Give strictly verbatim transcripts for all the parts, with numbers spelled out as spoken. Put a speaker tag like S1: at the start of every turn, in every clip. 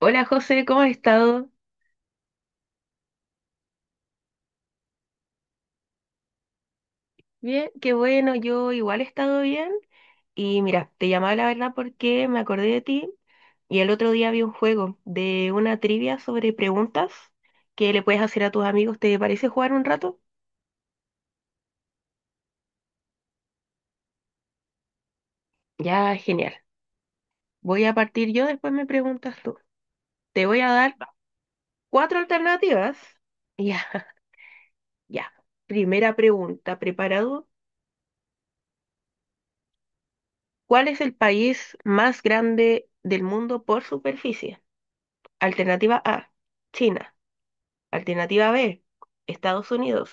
S1: Hola José, ¿cómo has estado? Bien, qué bueno, yo igual he estado bien. Y mira, te llamaba la verdad porque me acordé de ti y el otro día vi un juego de una trivia sobre preguntas que le puedes hacer a tus amigos. ¿Te parece jugar un rato? Ya, genial. Voy a partir yo, después me preguntas tú. Te voy a dar cuatro alternativas. Ya, ya. Primera pregunta, ¿preparado? ¿Cuál es el país más grande del mundo por superficie? Alternativa A, China. Alternativa B, Estados Unidos.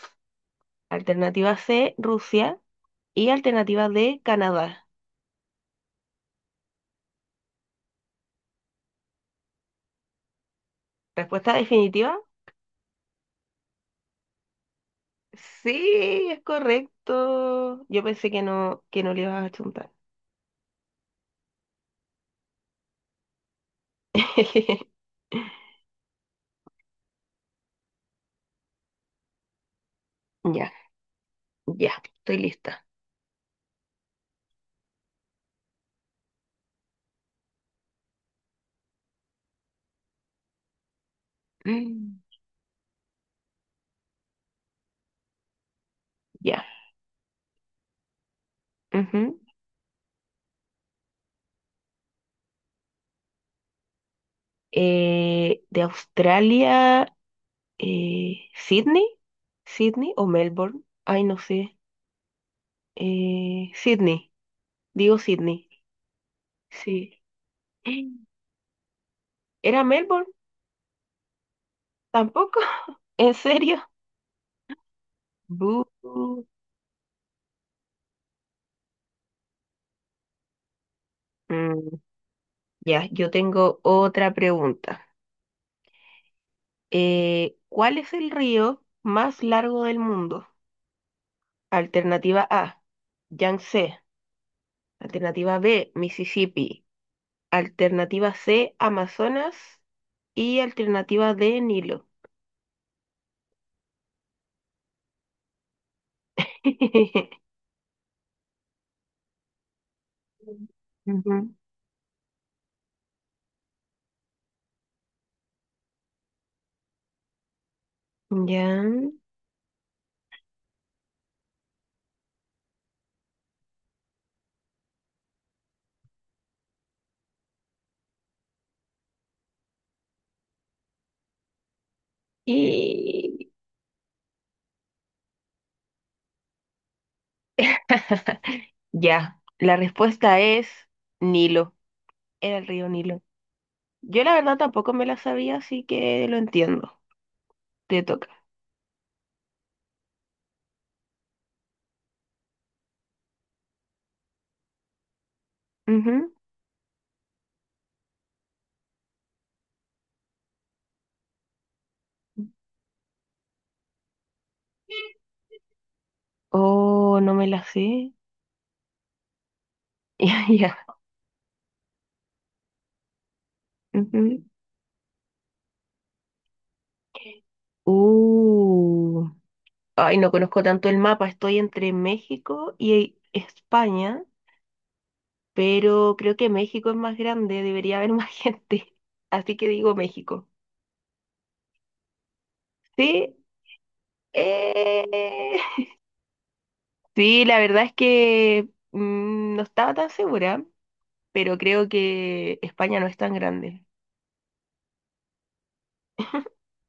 S1: Alternativa C, Rusia. Y alternativa D, Canadá. ¿Respuesta definitiva? Sí, es correcto. Yo pensé que no, que no le ibas a chuntar. Ya, ya, estoy lista. Mm, ya, ujú. Eh, de Australia, eh, Sydney, Sydney o Melbourne. Ay, no sé. Eh, Sydney, digo Sydney. Sí. ¿Era Melbourne? ¿Tampoco? ¿En serio? Bu. Mm, ya, yo tengo otra pregunta. Eh, ¿cuál es el río más largo del mundo? Alternativa A, Yangtze. Alternativa B, Mississippi. Alternativa C, Amazonas. Y alternativa D, Nilo. Ujú. Ya. Y ya, la respuesta es Nilo. Era el río Nilo. Yo la verdad tampoco me la sabía, así que lo entiendo. Te toca. Ujú. Oh, no me la sé. Ya, ya. Ujú. Uh. Ay, no conozco tanto el mapa. Estoy entre México y España, pero creo que México es más grande, debería haber más gente. Así que digo México. Sí, eh, sí, la verdad es que mm, no estaba tan segura, pero creo que España no es tan grande.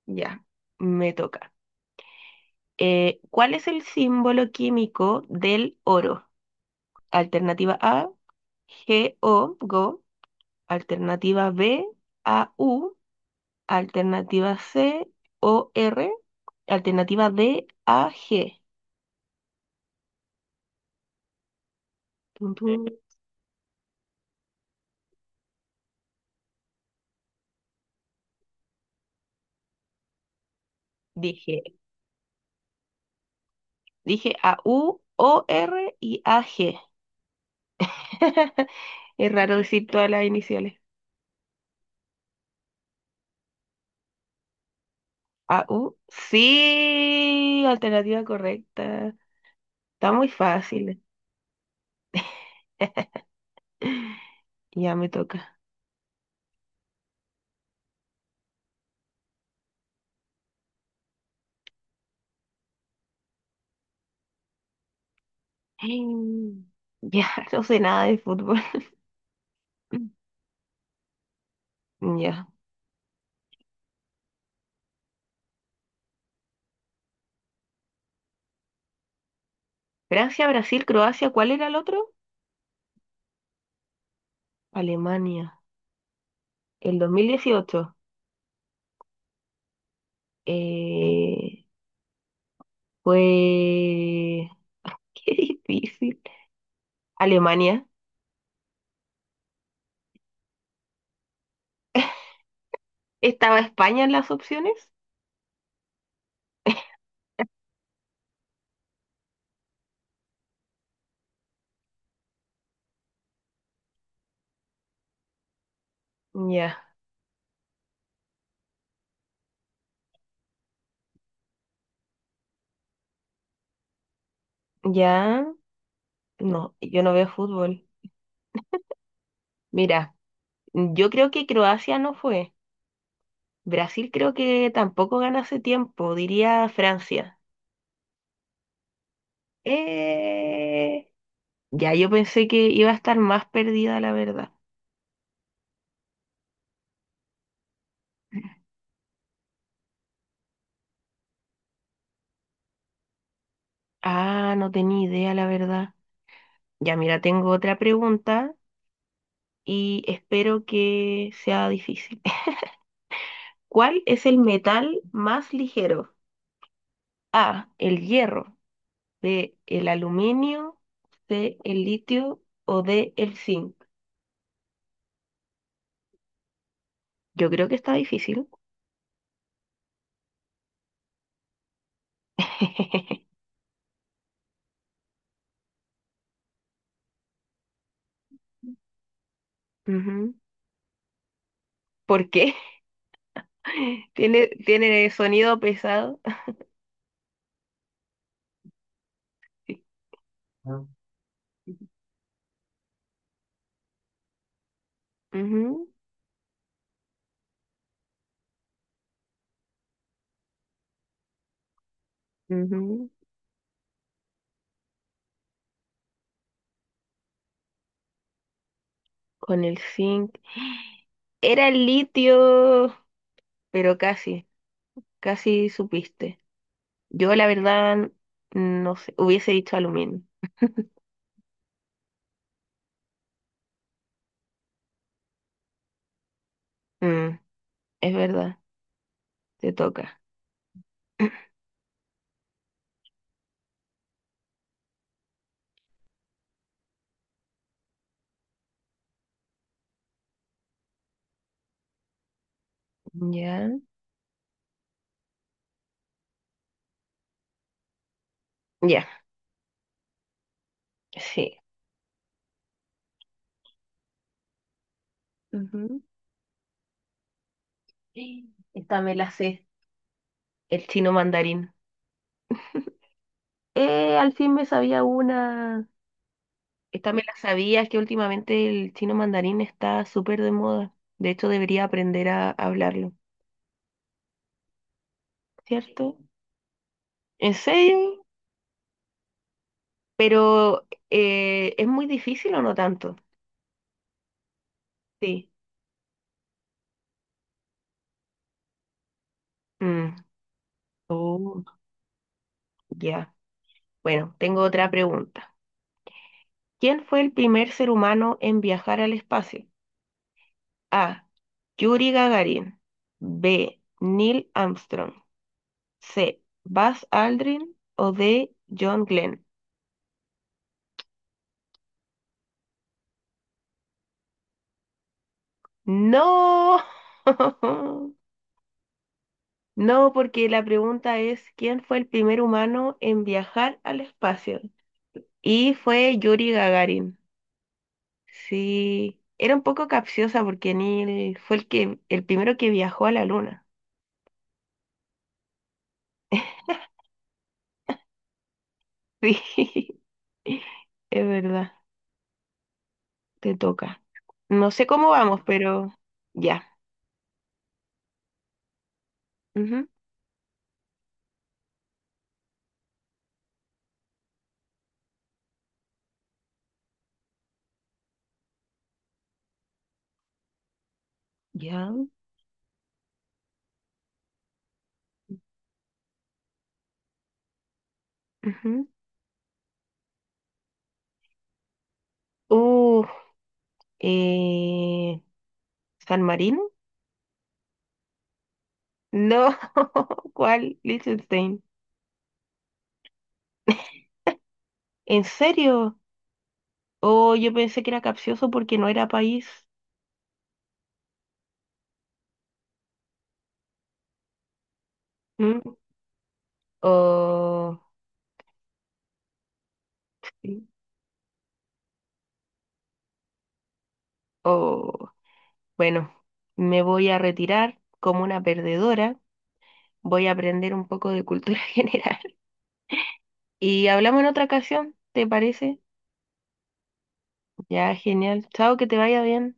S1: Ya, me toca. Eh, ¿cuál es el símbolo químico del oro? Alternativa A, G O Go. Alternativa B, A U. Alternativa C, O R. Alternativa D, A G. Tun, tun. Dije, dije A U, O R y A G. Es raro decir todas las iniciales. A U, sí, alternativa correcta. Está muy fácil. Ya me toca. Mm, ya, no sé nada de fútbol. Ya. Francia, Brasil, Croacia, ¿cuál era el otro? Alemania. El dos mil dieciocho. Eh, Fue... Qué difícil. Alemania. ¿Estaba España en las opciones? Ya. Ya. No, yo no veo fútbol. Mira, yo creo que Croacia no fue. Brasil creo que tampoco gana hace tiempo, diría Francia. Eh, Ya, yo pensé que iba a estar más perdida, la verdad. Ah, no tenía idea, la verdad. Ya, mira, tengo otra pregunta y espero que sea difícil. ¿Cuál es el metal más ligero? A, el hierro, B, el aluminio, C, el litio o D, el zinc. Yo creo que está difícil. Ujú. ¿Por qué? ¿Tiene, tiene sonido pesado? Ah. Ujú, ujú. Con el zinc. Era el litio, pero casi, casi supiste. Yo la verdad, no sé, hubiese dicho aluminio. Mm, es verdad, te toca. Ya, ya, sí. Ujú. Esta me la sé, el chino mandarín. Eh, al fin me sabía una. Esta me la sabía, es que últimamente el chino mandarín está súper de moda. De hecho, debería aprender a hablarlo, ¿cierto? ¿En serio? Pero eh, ¿es muy difícil o no tanto? Sí. Mm. Oh, ya. Bueno, tengo otra pregunta. ¿Quién fue el primer ser humano en viajar al espacio? A, Yuri Gagarin. B, Neil Armstrong. C, Buzz Aldrin. O D, John Glenn. No. No, porque la pregunta es ¿quién fue el primer humano en viajar al espacio? Y fue Yuri Gagarin. Sí, era un poco capciosa porque Neil fue el que, el primero que viajó a la luna. Sí, es verdad, te toca. No sé cómo vamos, pero ya. Ujú, ya, ujú. Uh, eh, ¿San Marino? No, ¿cuál? Liechtenstein. ¿En serio? Oh, yo pensé que era capcioso porque no era país. Mm, oh, sí, oh. Bueno, me voy a retirar como una perdedora, voy a aprender un poco de cultura general. Y hablamos en otra ocasión, ¿te parece? Ya, genial. Chao, que te vaya bien.